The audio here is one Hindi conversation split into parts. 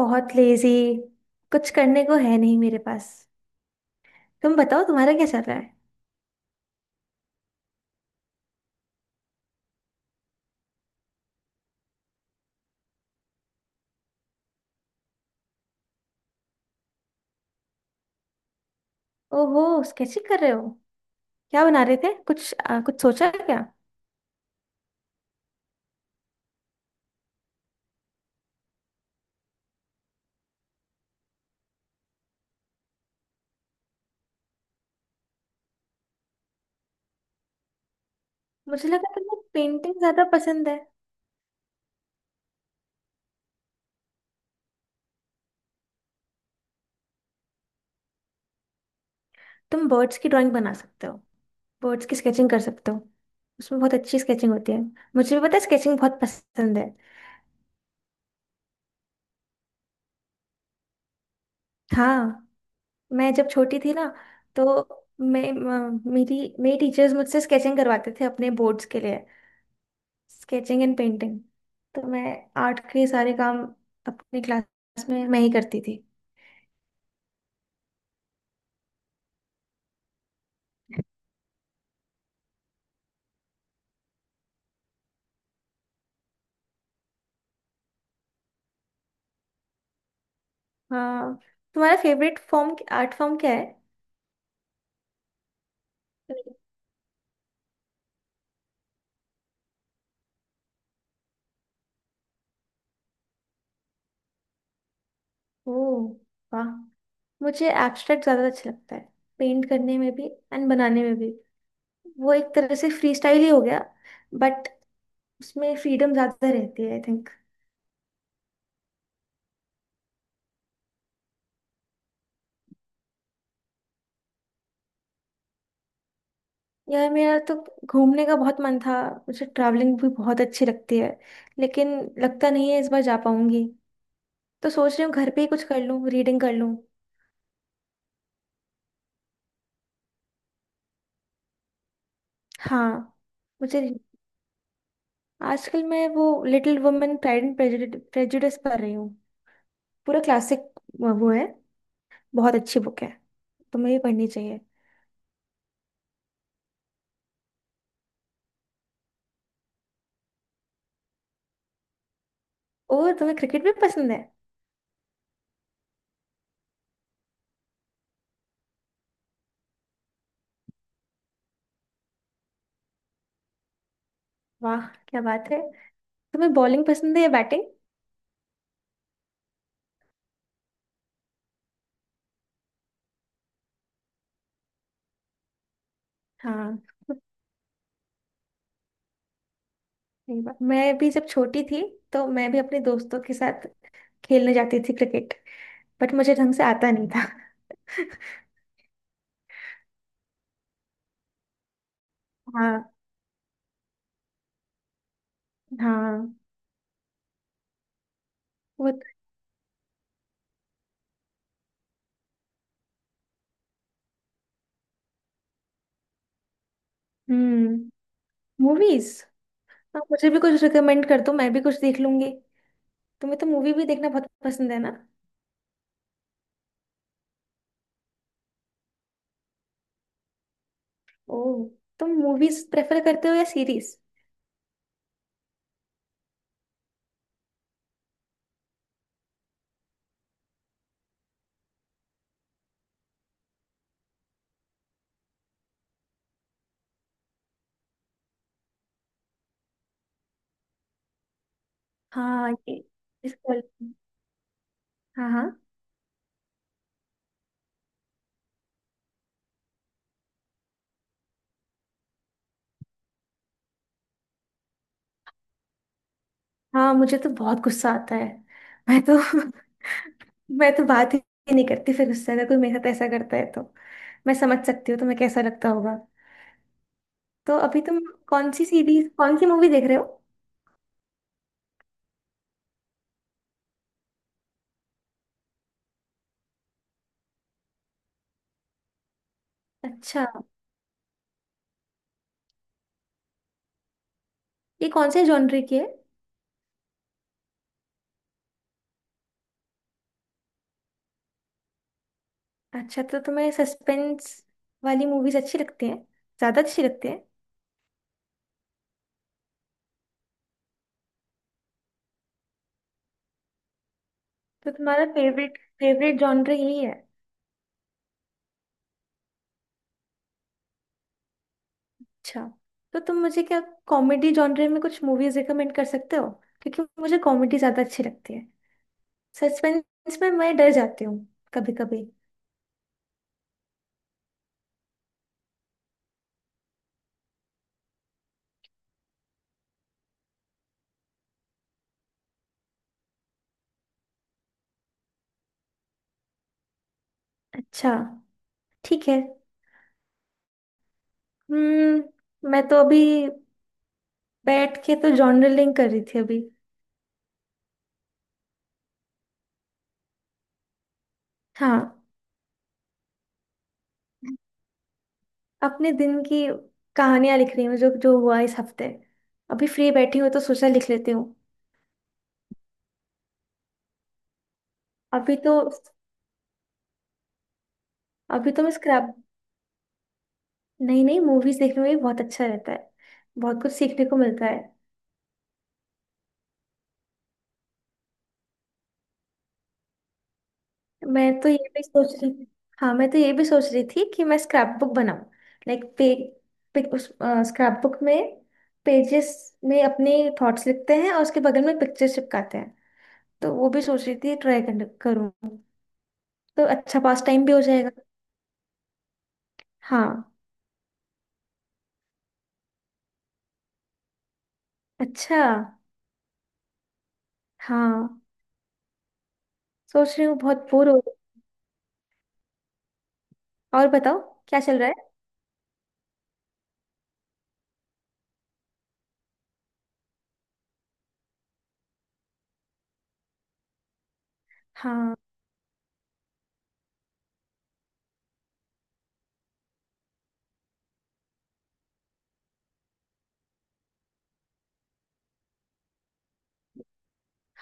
बहुत लेजी। कुछ करने को है नहीं मेरे पास। तुम बताओ तुम्हारा क्या चल रहा है? ओहो स्केचिंग कर रहे हो। क्या बना रहे थे, कुछ कुछ सोचा है क्या? मुझे लगा तुम्हें पेंटिंग ज्यादा पसंद है। तुम बर्ड्स की ड्राइंग बना सकते हो। बर्ड्स की स्केचिंग कर सकते हो। उसमें बहुत अच्छी स्केचिंग होती है। मुझे भी पता है, स्केचिंग बहुत पसंद है। हाँ। मैं जब छोटी थी ना, तो मैं म- मेरी मेरी टीचर्स मुझसे स्केचिंग करवाते थे अपने बोर्ड्स के लिए। Sketching and painting. तो मैं आर्ट के सारे काम अपनी क्लास में मैं ही करती थी। हाँ। तुम्हारा फेवरेट फॉर्म आर्ट फॉर्म क्या है? ओ, वाह। मुझे एब्स्ट्रैक्ट ज्यादा अच्छा लगता है, पेंट करने में भी एंड बनाने में भी। वो एक तरह से फ्री स्टाइल ही हो गया, बट उसमें फ्रीडम ज्यादा रहती है आई थिंक। यार मेरा तो घूमने का बहुत मन था। मुझे ट्रैवलिंग भी बहुत अच्छी लगती है, लेकिन लगता नहीं है इस बार जा पाऊंगी। तो सोच रही हूँ घर पे ही कुछ कर लूँ, रीडिंग कर लूँ। हाँ। मुझे आजकल मैं वो Little Women, Pride and Prejudice पढ़ रही हूँ। पूरा क्लासिक वो है, बहुत अच्छी बुक है, तुम्हें भी पढ़नी चाहिए। और तुम्हें क्रिकेट भी पसंद है? वाह, क्या बात है। तुम्हें बॉलिंग पसंद है या बैटिंग? हाँ सही बात। मैं भी जब छोटी थी, तो मैं भी अपने दोस्तों के साथ खेलने जाती थी क्रिकेट। बट मुझे ढंग से आता नहीं था। हाँ। हाँ। वो। हम्म। मूवीज। हाँ, मुझे भी कुछ रिकमेंड कर दो, मैं भी कुछ देख लूंगी। तुम्हें तो मूवी भी देखना बहुत पसंद है ना? ओह। तुम मूवीज प्रेफर करते हो या सीरीज? हाँ, ये। इस quality- हाँ, हाँ। हाँ मुझे तो बहुत गुस्सा आता है। मैं तो मैं तो बात ही नहीं करती फिर, गुस्सा, अगर कोई मेरे साथ ऐसा करता है तो। मैं समझ सकती हूँ तुम्हें कैसा लगता होगा। तो अभी तुम कौन सी सीरीज, कौन सी मूवी देख रहे हो? अच्छा। ये कौन से जॉनर की है? अच्छा, तो तुम्हें सस्पेंस वाली मूवीज अच्छी लगती हैं, ज्यादा अच्छी लगती हैं। तो तुम्हारा फेवरेट फेवरेट जॉनर यही है? अच्छा। तो तुम मुझे क्या कॉमेडी जॉनर में कुछ मूवीज रिकमेंड कर सकते हो? क्योंकि मुझे कॉमेडी ज्यादा अच्छी लगती है, सस्पेंस में मैं डर जाती हूँ कभी कभी। अच्छा। ठीक है। मैं तो अभी बैठ के तो जॉनर लिंक कर रही थी अभी। हाँ, अपने दिन की कहानियां लिख रही हूँ, जो जो हुआ इस हफ्ते। अभी फ्री बैठी हूँ तो सोचा लिख लेती हूँ। अभी तो। अभी तो मैं स्क्रैप। नहीं नहीं, मूवीज देखने में भी बहुत अच्छा रहता है, बहुत कुछ सीखने को मिलता है। मैं तो ये भी सोच रही थी। हाँ, मैं तो ये भी सोच रही थी कि मैं स्क्रैप बुक बनाऊं। लाइक पे उस स्क्रैप बुक में, पेजेस में अपने थॉट्स लिखते हैं और उसके बगल में पिक्चर्स चिपकाते हैं। तो वो भी सोच रही थी ट्राई करूँ, तो अच्छा पास टाइम भी हो जाएगा। हाँ। अच्छा। हाँ, सोच रही हूँ बहुत बोर हो रही हूँ। और बताओ क्या चल रहा है? हाँ।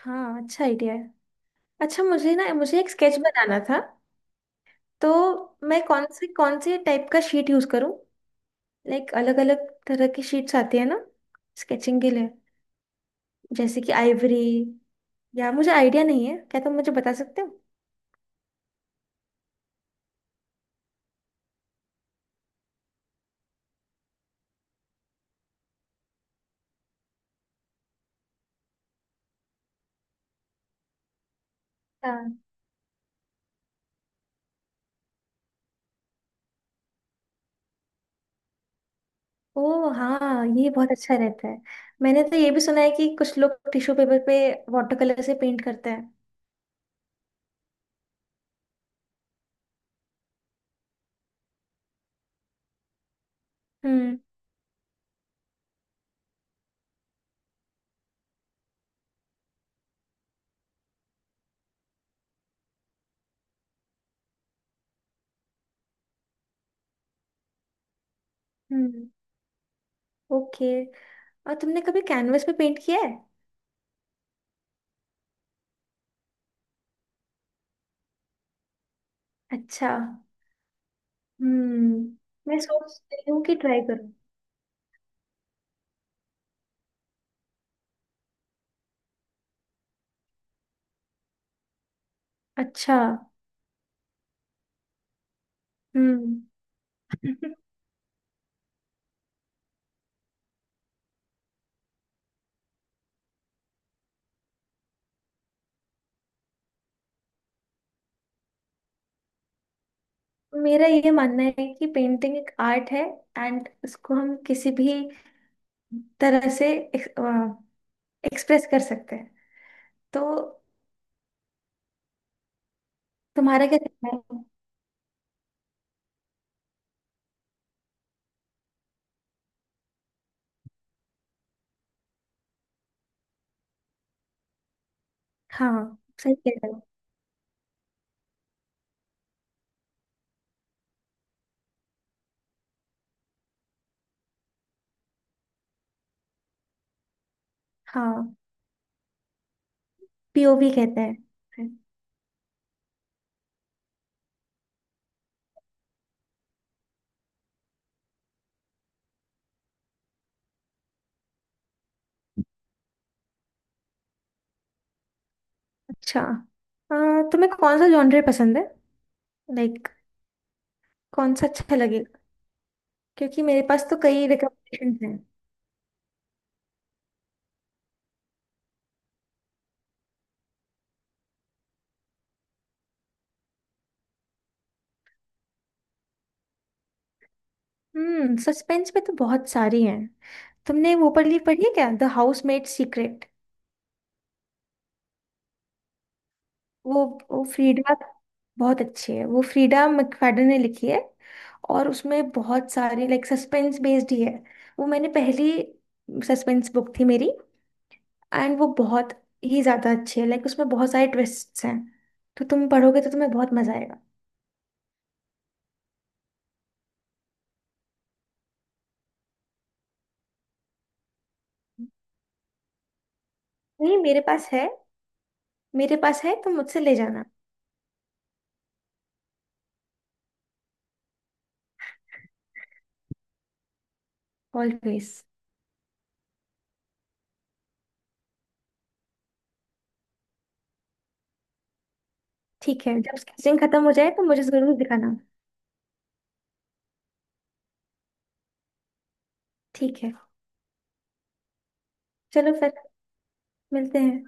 हाँ, अच्छा आइडिया है। अच्छा, मुझे एक स्केच बनाना था। तो मैं कौन से टाइप का शीट यूज करूं? लाइक अलग अलग तरह की शीट्स आती है ना, स्केचिंग के लिए, जैसे कि आइवरी, या मुझे आइडिया नहीं है, क्या तुम मुझे बता सकते हो? हाँ। ओ हाँ, ये बहुत अच्छा रहता है। मैंने तो ये भी सुना है कि कुछ लोग टिश्यू पेपर पे वाटर कलर से पेंट करते हैं। हम्म। हम्म, ओके। और तुमने कभी कैनवस पे पेंट किया है? अच्छा। हम्म, मैं सोच रही हूँ कि ट्राई करूँ। अच्छा। हम्म। मेरा ये मानना है कि पेंटिंग एक आर्ट है, एंड इसको हम किसी भी तरह से एक्सप्रेस कर सकते हैं। तो तुम्हारा क्या कहना है? हाँ सही कह रहे हो। हाँ, पीओवी कहते हैं। अच्छा। तुम्हें कौन सा जॉनर पसंद है? लाइक, कौन सा अच्छा लगेगा? क्योंकि मेरे पास तो कई रिकमेंडेशन हैं। सस्पेंस में तो बहुत सारी हैं। तुमने वो पढ़ी है क्या, द हाउसमेड सीक्रेट? वो वो फ्रीडा। बहुत अच्छी है, वो फ्रीडा मैकफadden ने लिखी है, और उसमें बहुत सारी, लाइक सस्पेंस बेस्ड ही है। वो मैंने, पहली सस्पेंस बुक थी मेरी, एंड वो बहुत ही ज्यादा अच्छी है, लाइक उसमें बहुत सारे ट्विस्ट्स हैं। तो तुम पढ़ोगे तो तुम्हें बहुत मजा आएगा। नहीं, मेरे पास है। मेरे पास है, तुम मुझसे ले जाना। ऑलवेज। ठीक है, जब स्केचिंग खत्म हो जाए तो मुझे जरूर दिखाना। ठीक है। चलो फिर, मिलते हैं।